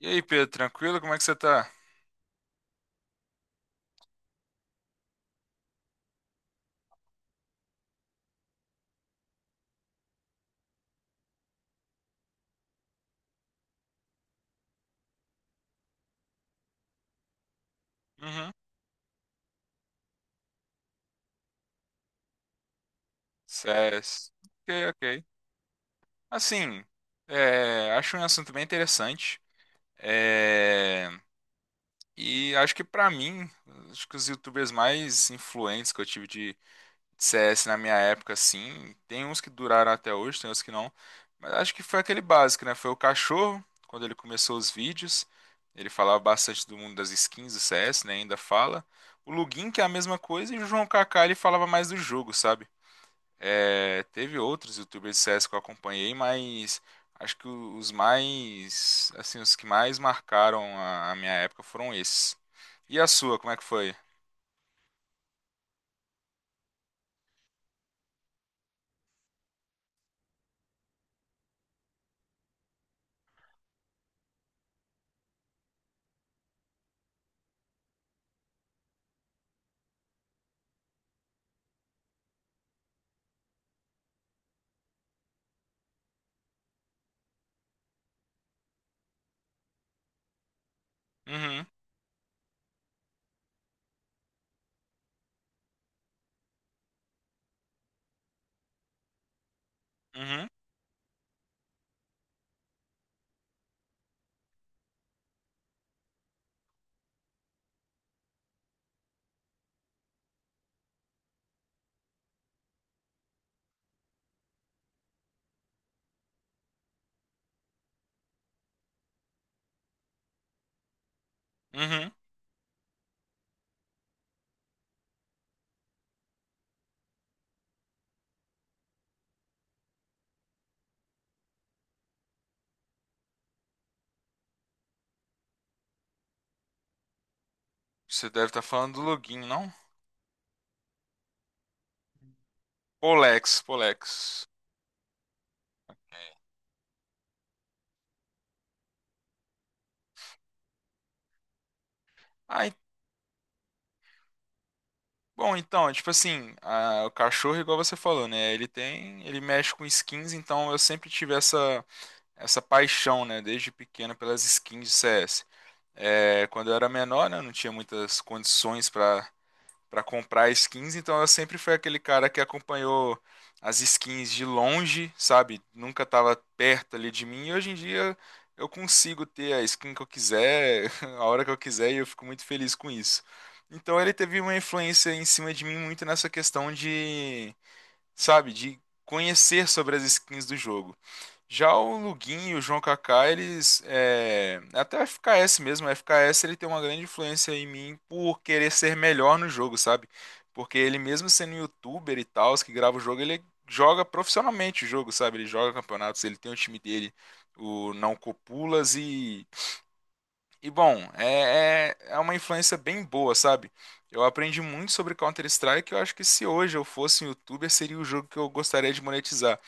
E aí, Pedro, tranquilo? Como é que você tá? Uhum. Cés. Ok, ok. Assim, é, Acho um assunto bem interessante. É, e acho que pra mim, acho que os YouTubers mais influentes que eu tive de CS na minha época, assim, tem uns que duraram até hoje, tem uns que não. Mas acho que foi aquele básico, né? Foi o Cachorro, quando ele começou os vídeos. Ele falava bastante do mundo das skins do CS, né? Ainda fala. O Lugin, que é a mesma coisa, e o João Kaká, ele falava mais do jogo, sabe? É, teve outros youtubers de CS que eu acompanhei, mas acho que os mais, assim, os que mais marcaram a minha época foram esses. E a sua, como é que foi? Uhum, uhum, uhum. Você deve estar falando do Login, não? Polex, Polex. Ai, bom, então, é tipo assim, a- o cachorro, igual você falou, né? Ele tem, ele mexe com skins, então eu sempre tive essa paixão, né, desde pequeno pelas skins de CS. É, quando eu era menor, né, eu não tinha muitas condições para comprar skins, então eu sempre fui aquele cara que acompanhou as skins de longe, sabe? Nunca tava perto ali de mim. E hoje em dia eu consigo ter a skin que eu quiser, a hora que eu quiser, e eu fico muito feliz com isso. Então ele teve uma influência em cima de mim muito nessa questão de, sabe, de conhecer sobre as skins do jogo. Já o Luguinho e o João Kaká, eles. É... Até o FKS mesmo, o FKS ele tem uma grande influência em mim por querer ser melhor no jogo, sabe? Porque ele, mesmo sendo youtuber e tal, os que grava o jogo, ele joga profissionalmente o jogo, sabe? Ele joga campeonatos, ele tem o time dele, o Não Copulas, e. E bom, é uma influência bem boa, sabe? Eu aprendi muito sobre Counter-Strike. Eu acho que se hoje eu fosse um youtuber, seria o jogo que eu gostaria de monetizar.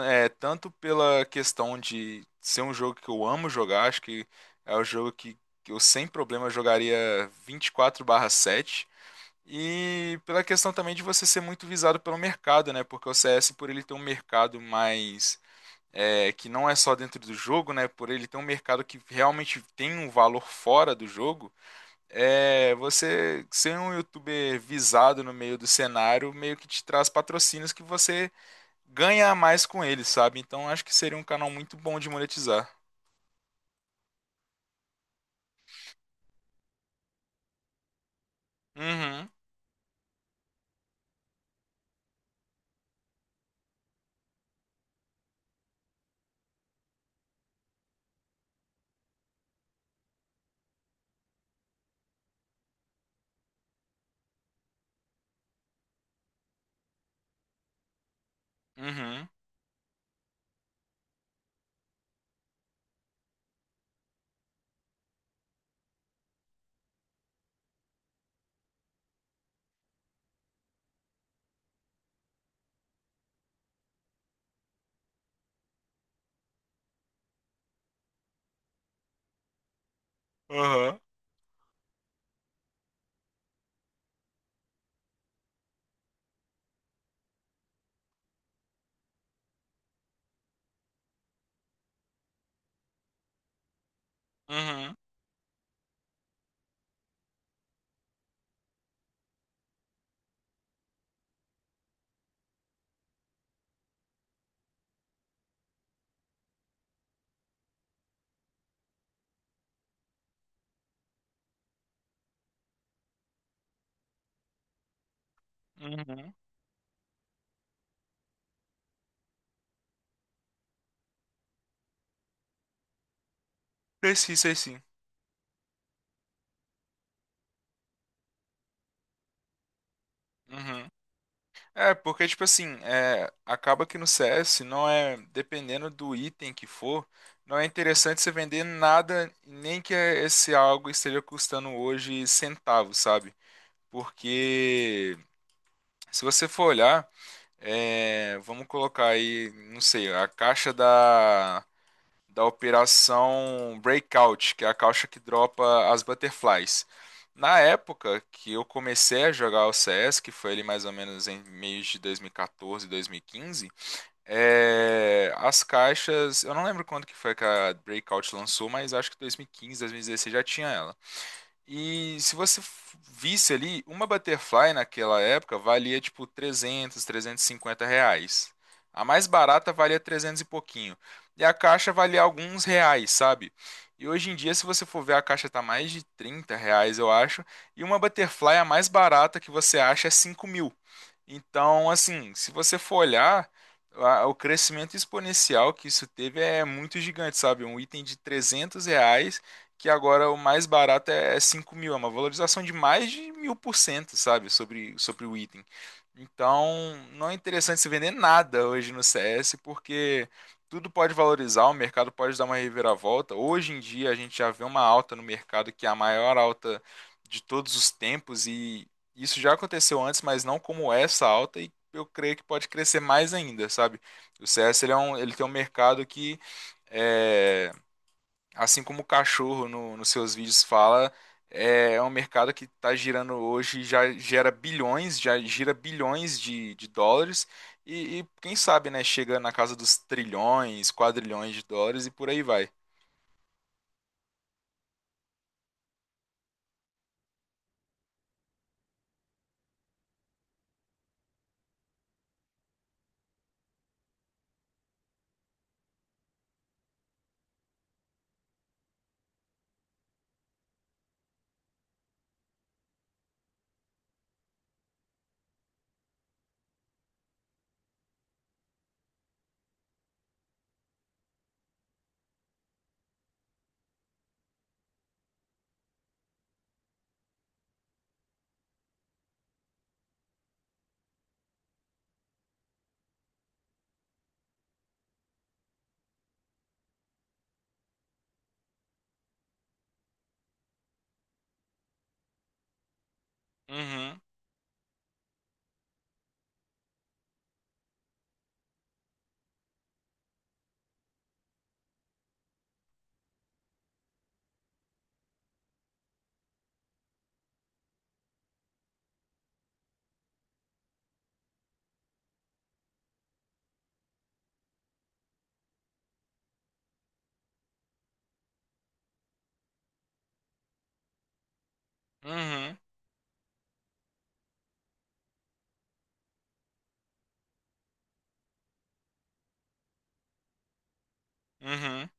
É, tanto pela questão de ser um jogo que eu amo jogar, acho que é o jogo que eu sem problema jogaria 24/7 e pela questão também de você ser muito visado pelo mercado, né? Porque o CS, por ele ter um mercado mais. É, que não é só dentro do jogo, né? Por ele ter um mercado que realmente tem um valor fora do jogo, é, você ser um youtuber visado no meio do cenário meio que te traz patrocínios que você ganha a mais com ele, sabe? Então acho que seria um canal muito bom de monetizar. Uhum, uhum, aham, uhum, uhum. Sei sim, sei sim. Uhum. É, porque, tipo assim, acaba que no CS não é, dependendo do item que for, não é interessante você vender nada, nem que esse algo esteja custando hoje centavos, sabe? Porque se você for olhar, vamos colocar aí, não sei, a caixa da operação Breakout, que é a caixa que dropa as butterflies. Na época que eu comecei a jogar o CS, que foi ali mais ou menos em meio de 2014, 2015, as caixas, eu não lembro quando que foi que a Breakout lançou, mas acho que 2015, 2016 já tinha ela. E se você visse ali, uma butterfly naquela época valia tipo 300, 350 reais. A mais barata valia 300 e pouquinho. E a caixa valia alguns reais, sabe? E hoje em dia, se você for ver, a caixa tá mais de 30 reais, eu acho. E uma butterfly, a mais barata que você acha, é 5 mil. Então, assim, se você for olhar, o crescimento exponencial que isso teve é muito gigante, sabe? Um item de 300 reais que agora o mais barato é 5 mil, é uma valorização de mais de 1000%, sabe, sobre o item. Então, não é interessante se vender nada hoje no CS, porque tudo pode valorizar, o mercado pode dar uma reviravolta. Hoje em dia, a gente já vê uma alta no mercado que é a maior alta de todos os tempos, e isso já aconteceu antes, mas não como essa alta, e eu creio que pode crescer mais ainda, sabe? O CS ele é um, ele tem um mercado que. É, assim como o cachorro no, nos seus vídeos fala, é um mercado que está girando hoje, já gera bilhões, já gira bilhões de dólares, e quem sabe, né, chega na casa dos trilhões, quadrilhões de dólares e por aí vai. Uhum, uhum, uhum,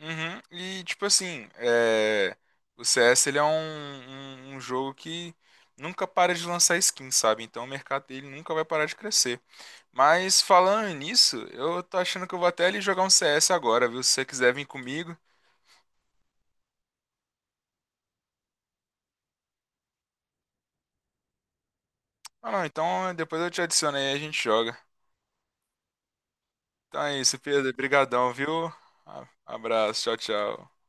uhum. E tipo assim, o CS ele é um jogo que nunca para de lançar skins, sabe? Então o mercado dele nunca vai parar de crescer. Mas falando nisso, eu tô achando que eu vou até ali jogar um CS agora, viu? Se você quiser vir comigo. Ah, não, então depois eu te adiciono aí e a gente joga. Então é isso, Pedro. Brigadão, viu? A- Abraço, tchau, tchau.